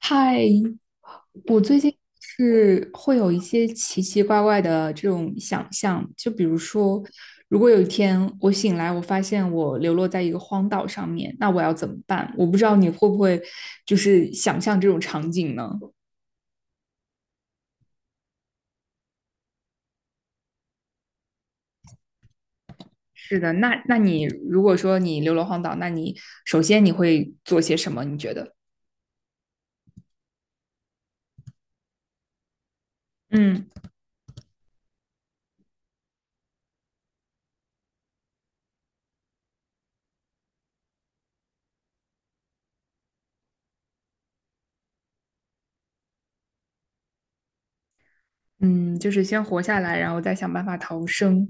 嗨，我最近是会有一些奇奇怪怪的这种想象，就比如说，如果有一天我醒来，我发现我流落在一个荒岛上面，那我要怎么办？我不知道你会不会就是想象这种场景呢？是的，那你如果说你流落荒岛，那你首先你会做些什么？你觉得？嗯嗯，就是先活下来，然后再想办法逃生。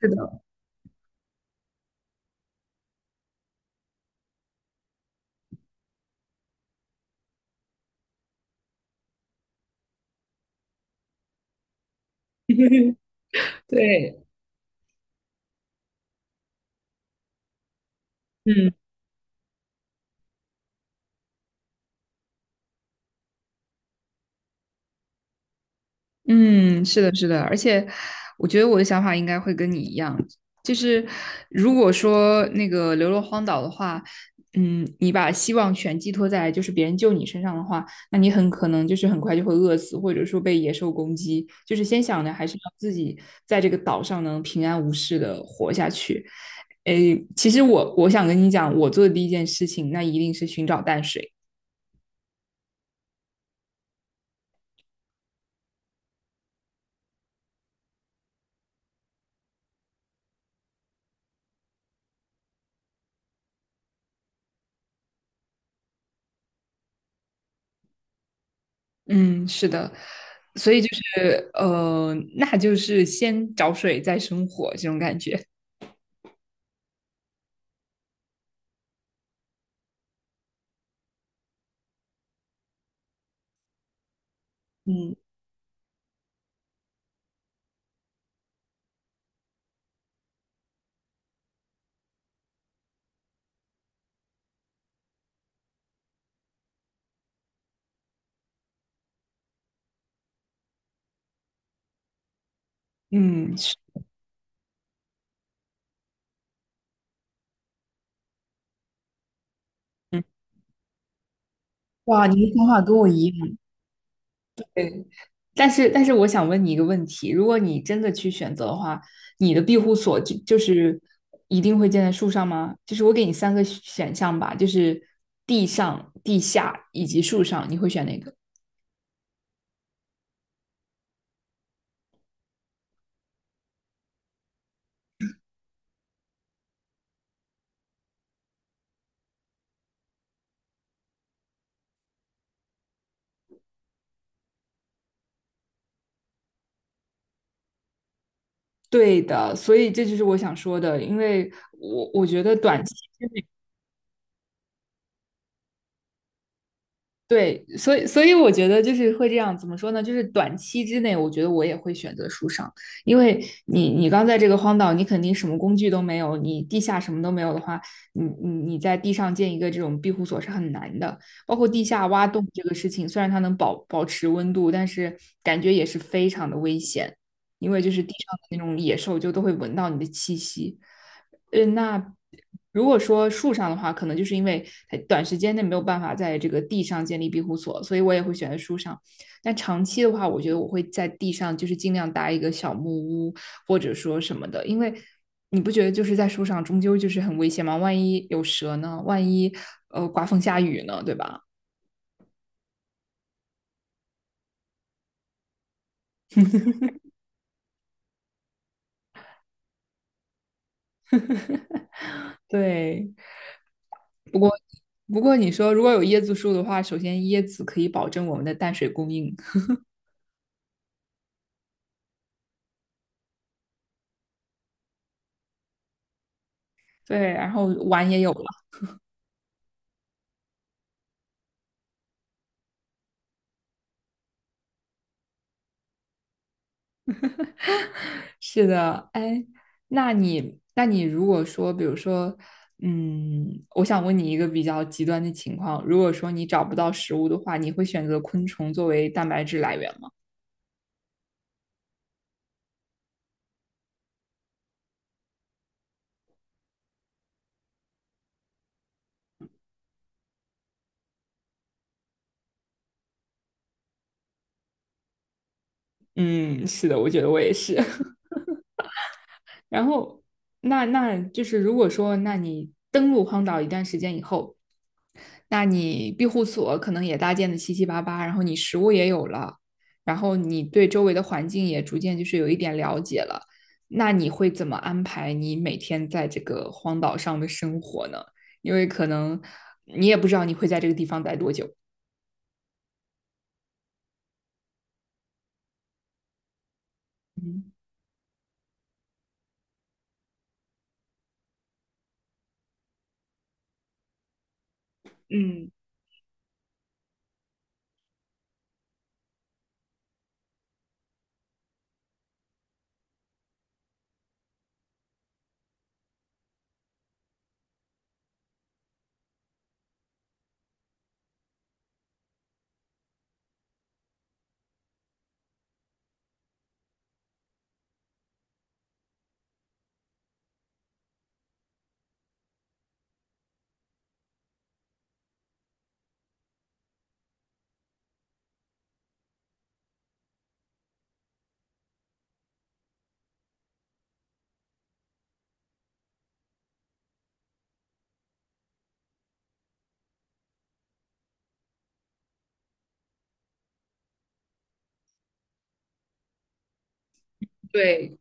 是的，对，嗯。嗯，是的，是的，而且我觉得我的想法应该会跟你一样，就是如果说那个流落荒岛的话，嗯，你把希望全寄托在就是别人救你身上的话，那你很可能就是很快就会饿死，或者说被野兽攻击。就是先想的还是要自己在这个岛上能平安无事的活下去。诶，其实我想跟你讲，我做的第一件事情，那一定是寻找淡水。嗯，是的，所以就是那就是先找水再生火这种感觉。嗯，嗯，是，嗯，哇，你的想法跟我一样。但是我想问你一个问题，如果你真的去选择的话，你的庇护所就是一定会建在树上吗？就是我给你三个选项吧，就是地上、地下以及树上，你会选哪个？对的，所以这就是我想说的，因为我觉得短期对，所以我觉得就是会这样，怎么说呢？就是短期之内，我觉得我也会选择树上，因为你刚在这个荒岛，你肯定什么工具都没有，你地下什么都没有的话，你在地上建一个这种庇护所是很难的。包括地下挖洞这个事情，虽然它能保持温度，但是感觉也是非常的危险，因为就是地上的那种野兽就都会闻到你的气息。呃，那如果说树上的话，可能就是因为它短时间内没有办法在这个地上建立庇护所，所以我也会选择树上。但长期的话，我觉得我会在地上，就是尽量搭一个小木屋或者说什么的，因为你不觉得就是在树上终究就是很危险吗？万一有蛇呢？万一刮风下雨呢？对吧？对，不过不过你说如果有椰子树的话，首先椰子可以保证我们的淡水供应，对，然后碗也有了。是的，哎，那你，那你如果说，比如说，嗯，我想问你一个比较极端的情况，如果说你找不到食物的话，你会选择昆虫作为蛋白质来源吗？嗯，是的，我觉得我也是。然后，那那就是如果说，那你登陆荒岛一段时间以后，那你庇护所可能也搭建的七七八八，然后你食物也有了，然后你对周围的环境也逐渐就是有一点了解了，那你会怎么安排你每天在这个荒岛上的生活呢？因为可能你也不知道你会在这个地方待多久。嗯嗯，对，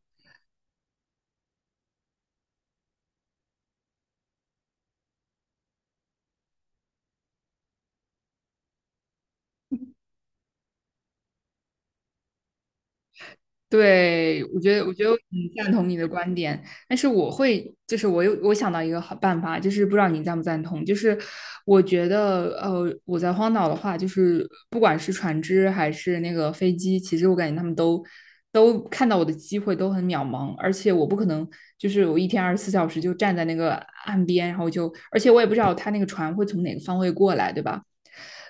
对，我觉得，我觉得很赞同你的观点，但是我会，就是我有我想到一个好办法，就是不知道你赞不赞同，就是我觉得，我在荒岛的话，就是不管是船只还是那个飞机，其实我感觉他们都看到我的机会都很渺茫，而且我不可能就是我一天24小时就站在那个岸边，然后就，而且我也不知道他那个船会从哪个方位过来，对吧？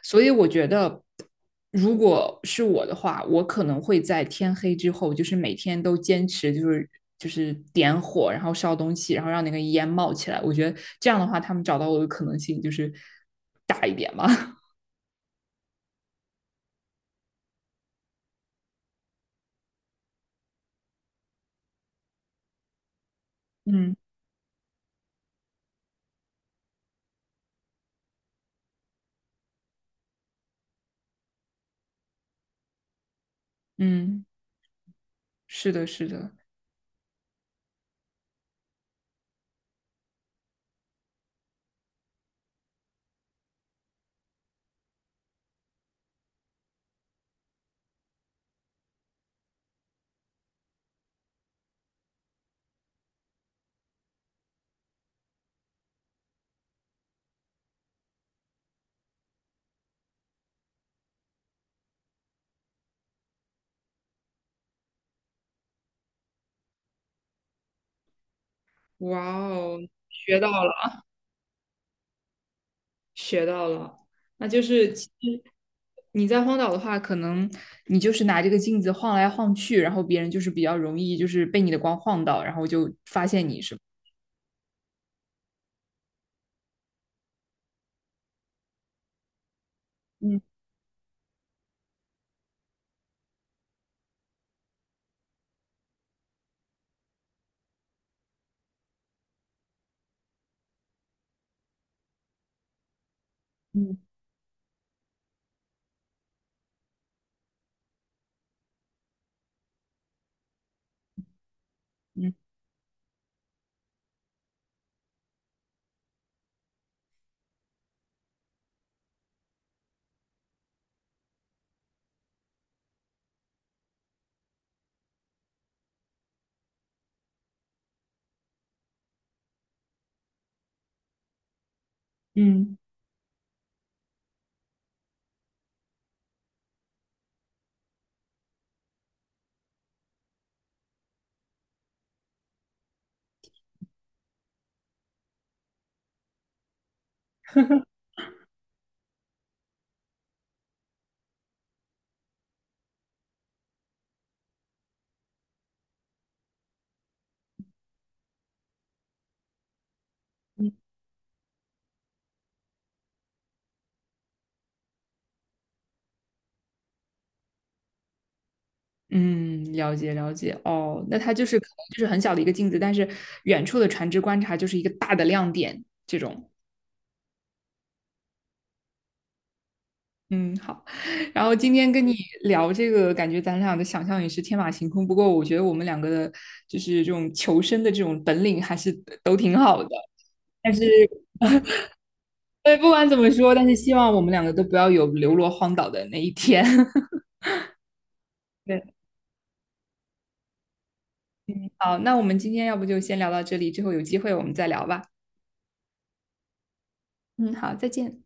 所以我觉得。如果是我的话，我可能会在天黑之后，就是每天都坚持，就是点火，然后烧东西，然后让那个烟冒起来。我觉得这样的话，他们找到我的可能性就是大一点嘛。嗯嗯，是的，是的。哇哦，学到了，学到了。那就是其实你在荒岛的话，可能你就是拿这个镜子晃来晃去，然后别人就是比较容易就是被你的光晃到，然后就发现你是吧嗯嗯嗯。嗯嗯，嗯了解了解。哦，那它就是可能就是很小的一个镜子，但是远处的船只观察就是一个大的亮点。这种，嗯，好。然后今天跟你聊这个，感觉咱俩的想象也是天马行空。不过我觉得我们两个的，就是这种求生的这种本领还是都挺好的。但是，对，不管怎么说，但是希望我们两个都不要有流落荒岛的那一天。对，嗯，好，那我们今天要不就先聊到这里，之后有机会我们再聊吧。嗯，好，再见。